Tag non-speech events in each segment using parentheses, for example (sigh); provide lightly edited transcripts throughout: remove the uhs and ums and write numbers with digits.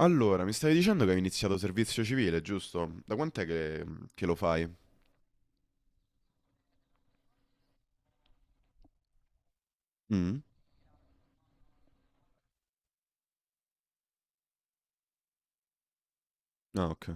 Allora, mi stavi dicendo che hai iniziato servizio civile, giusto? Da quant'è che lo fai? Mm? Ah, ok.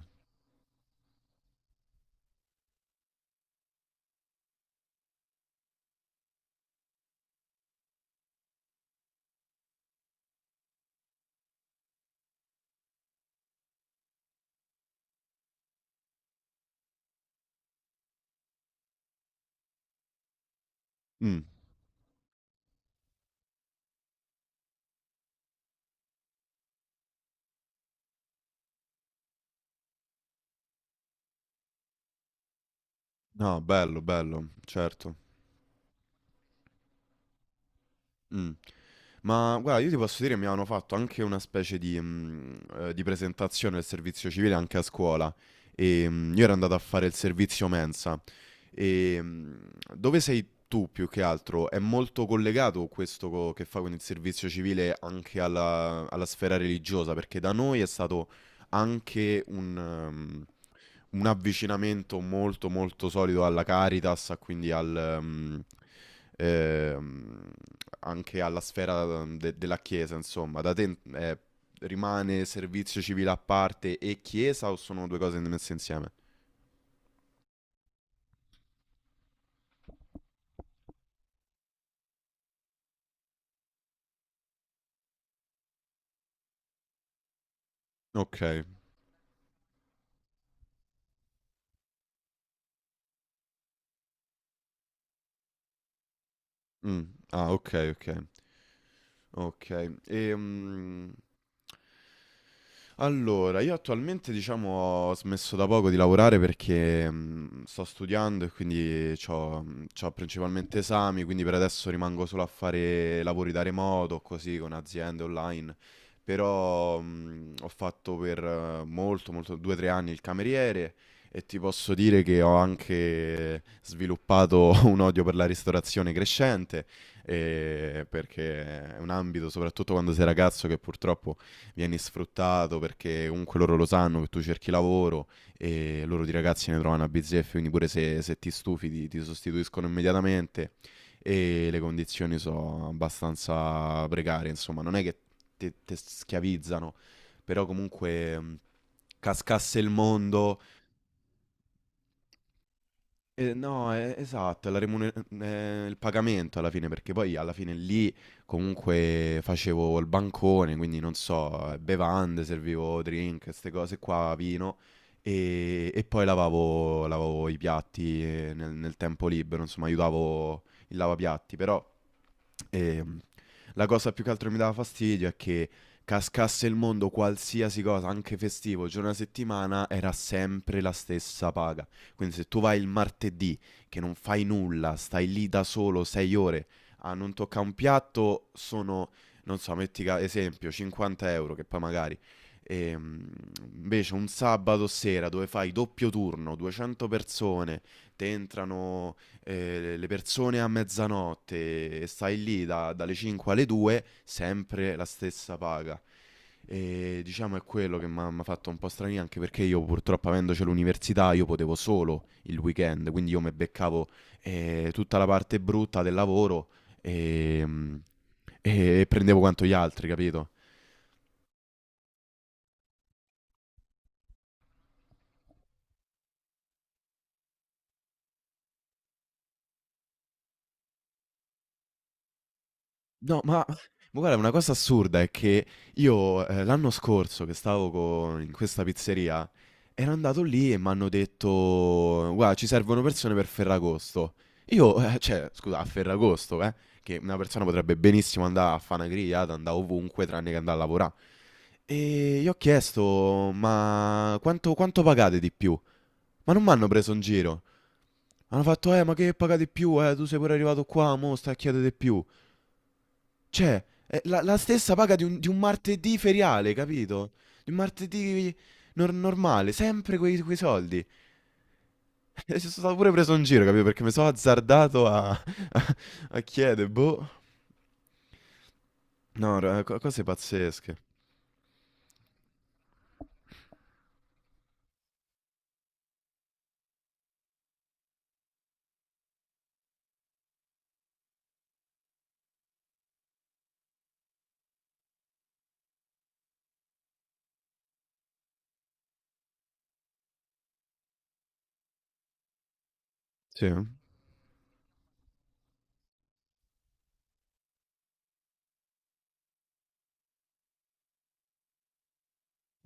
Mm. No, bello, bello, certo. Mm. Ma guarda, io ti posso dire, mi hanno fatto anche una specie di presentazione del servizio civile anche a scuola. Io ero andato a fare il servizio mensa. Dove sei tu più che altro? È molto collegato questo che fa con il servizio civile anche alla sfera religiosa, perché da noi è stato anche un avvicinamento molto molto solido alla Caritas, a quindi ehm, anche alla sfera della Chiesa, insomma. Da te rimane servizio civile a parte e Chiesa o sono due cose messe insieme? Ok. Mm. Ah, ok, ok. Okay. Allora, io attualmente diciamo ho smesso da poco di lavorare perché sto studiando e quindi ho principalmente esami, quindi per adesso rimango solo a fare lavori da remoto, così con aziende online, però ho fatto per molto, molto, 2 o 3 anni il cameriere e ti posso dire che ho anche sviluppato (laughs) un odio per la ristorazione crescente, perché è un ambito, soprattutto quando sei ragazzo, che purtroppo vieni sfruttato perché comunque loro lo sanno che tu cerchi lavoro e loro di ragazzi ne trovano a bizzeffe, quindi pure se ti stufi ti sostituiscono immediatamente e le condizioni sono abbastanza precarie, insomma, non è che te schiavizzano, però comunque cascasse il mondo. Eh, no, esatto, è il pagamento alla fine, perché poi alla fine lì comunque facevo il bancone, quindi non so, bevande, servivo drink, queste cose qua, vino, e poi lavavo i piatti nel tempo libero, insomma, aiutavo il lavapiatti, però ehm, la cosa più che altro mi dava fastidio è che cascasse il mondo, qualsiasi cosa, anche festivo, giorno a settimana, era sempre la stessa paga. Quindi se tu vai il martedì che non fai nulla, stai lì da solo 6 ore a non toccare un piatto, sono, non so, metti esempio, 50 euro che poi magari. Ehm, invece un sabato sera dove fai doppio turno, 200 persone, te entrano le persone a mezzanotte e stai lì dalle 5 alle 2, sempre la stessa paga. E diciamo è quello che mi ha fatto un po' strani anche perché io purtroppo avendoci l'università io potevo solo il weekend, quindi io mi beccavo tutta la parte brutta del lavoro ehm, e prendevo quanto gli altri, capito? No, ma guarda, una cosa assurda è che io, l'anno scorso che stavo co in questa pizzeria, ero andato lì e m'hanno detto: "Guarda, ci servono persone per Ferragosto". Io, cioè, scusa, a Ferragosto, che una persona potrebbe benissimo andà a fa' 'na grigliata, andà ovunque tranne che andà a lavorà. E gli ho chiesto: "Ma quanto pagate di più?" Ma non m'hanno preso in giro. Hanno fatto: ma che pagate di più? Tu sei pure arrivato qua, mo' stai a chiedere di più". Cioè, è la stessa paga di un martedì feriale, capito? Di un martedì normale, sempre quei soldi. (laughs) E sono stato pure preso in giro, capito? Perché mi sono azzardato a, (laughs) a chiedere, boh. No, cose pazzesche. Sì. Eh?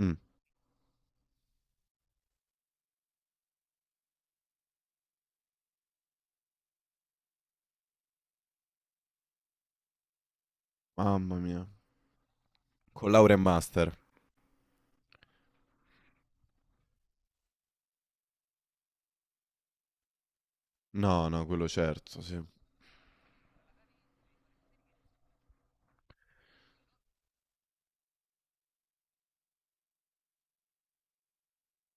Mm. Mamma mia. Con laurea e master. No, no, quello certo, sì.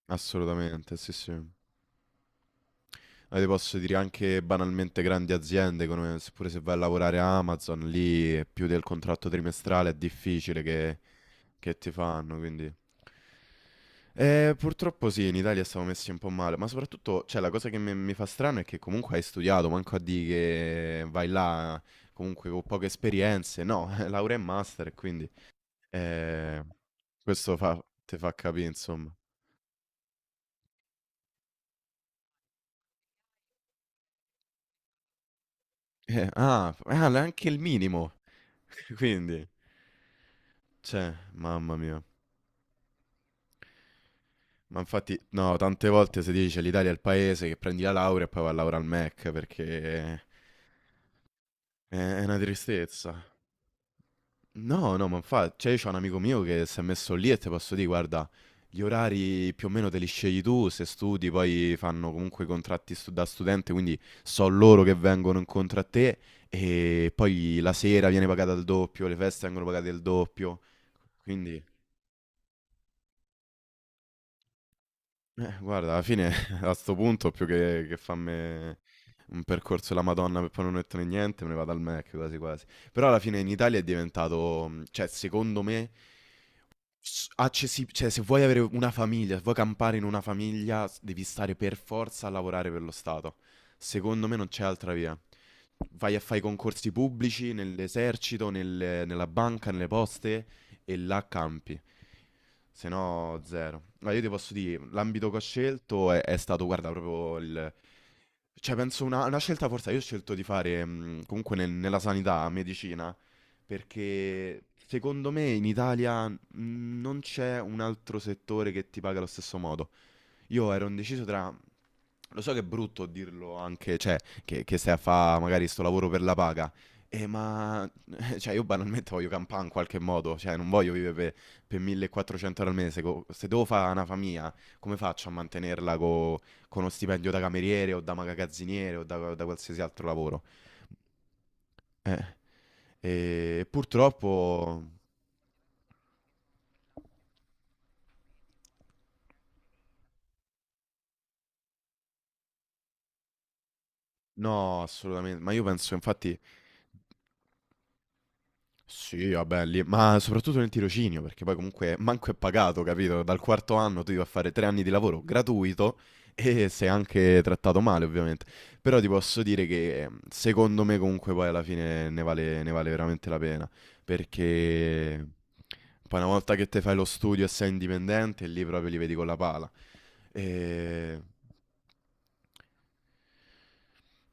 Assolutamente, sì, sì. Ma ti posso dire anche banalmente grandi aziende, come, pure se vai a lavorare a Amazon, lì più del contratto trimestrale è difficile che ti fanno, quindi. Purtroppo sì, in Italia siamo messi un po' male, ma soprattutto, cioè, la cosa che mi fa strano è che comunque hai studiato, manco a dire che vai là comunque con poche esperienze, no, (laughs) laurea e master, e quindi eh, questo fa, ti fa capire, insomma. Anche il minimo, (laughs) quindi, cioè, mamma mia. Ma infatti, no, tante volte si dice l'Italia è il paese che prendi la laurea e poi va a lavorare al Mac, perché è è una tristezza. No, no, ma infatti, cioè, io c'ho un amico mio che si è messo lì e ti posso dire, guarda, gli orari più o meno te li scegli tu, se studi, poi fanno comunque i contratti da studente, quindi so loro che vengono incontro a te e poi la sera viene pagata il doppio, le feste vengono pagate il doppio, quindi, guarda, alla fine (laughs) a sto punto più che farmi un percorso della Madonna per poi non mettere niente, me ne vado al Mac quasi quasi. Però alla fine in Italia è diventato, cioè, secondo me. Cioè, se vuoi avere una famiglia, se vuoi campare in una famiglia, devi stare per forza a lavorare per lo Stato. Secondo me non c'è altra via. Vai a fare i concorsi pubblici nell'esercito, nella banca, nelle poste e là campi. Se no, zero. Ma io ti posso dire, l'ambito che ho scelto è stato, guarda, proprio il. Cioè, penso una scelta forse, io ho scelto di fare comunque nella sanità, medicina, perché secondo me in Italia non c'è un altro settore che ti paga allo stesso modo. Io ero indeciso tra. Lo so che è brutto dirlo anche, cioè, che stai a fare magari sto lavoro per la paga. Ma. (laughs) Cioè, io banalmente voglio campare in qualche modo. Cioè, non voglio vivere per 1400 euro al mese. Se devo fare una famiglia, come faccio a mantenerla con uno stipendio da cameriere o da magazziniere o da qualsiasi altro lavoro? E purtroppo. No, assolutamente. Ma io penso, infatti. Sì, vabbè, lì, ma soprattutto nel tirocinio, perché poi comunque manco è pagato, capito? Dal quarto anno tu devi fare 3 anni di lavoro gratuito e sei anche trattato male, ovviamente. Però ti posso dire che secondo me comunque poi alla fine ne vale veramente la pena, perché poi una volta che te fai lo studio e sei indipendente, lì proprio li vedi con la pala. E.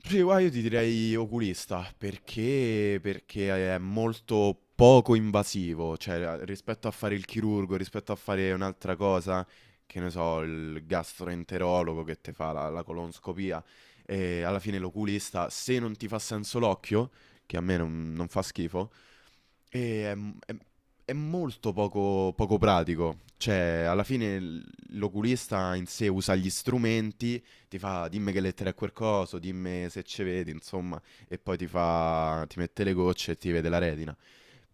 Sì, guarda, io ti direi oculista perché è molto poco invasivo, cioè rispetto a fare il chirurgo, rispetto a fare un'altra cosa, che ne so, il gastroenterologo che ti fa la colonscopia, e alla fine l'oculista, se non ti fa senso l'occhio, che a me non fa schifo, e è, m- è- è molto poco pratico, cioè alla fine l'oculista in sé usa gli strumenti, ti fa dimmi che lettere è quel coso, dimmi se ci vedi, insomma, e poi ti mette le gocce e ti vede la retina.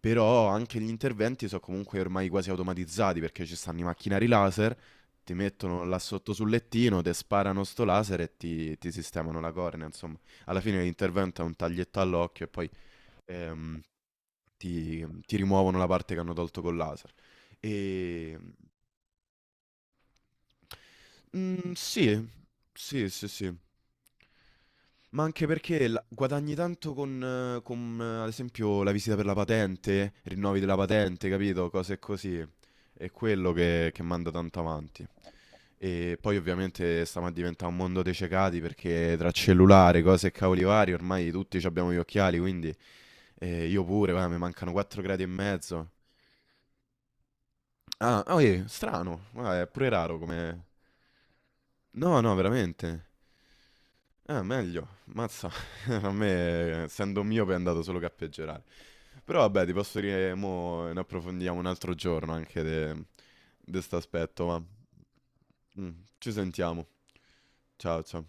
Però anche gli interventi sono comunque ormai quasi automatizzati perché ci stanno i macchinari laser, ti mettono là sotto sul lettino, ti sparano sto laser e ti sistemano la cornea, insomma. Alla fine l'intervento è un taglietto all'occhio e poi ehm, ti rimuovono la parte che hanno tolto col laser. E. Mm, sì, sì, sì, sì. Ma anche perché guadagni tanto con, ad esempio, la visita per la patente, rinnovi della patente, capito? Cose così. È quello che manda tanto avanti. E poi ovviamente stiamo a diventare un mondo dei cecati perché tra cellulare, cose e cavoli vari, ormai tutti ci abbiamo gli occhiali, quindi io pure, va, mi mancano 4 gradi e mezzo. Ah, oh, strano, ma è pure raro come. No, no, veramente. Ah, meglio, mazza. (laughs) A me, essendo mio, è andato solo che a peggiorare. Però vabbè, ti posso dire, mo ne approfondiamo un altro giorno anche di questo aspetto, ma. Mm, ci sentiamo. Ciao, ciao.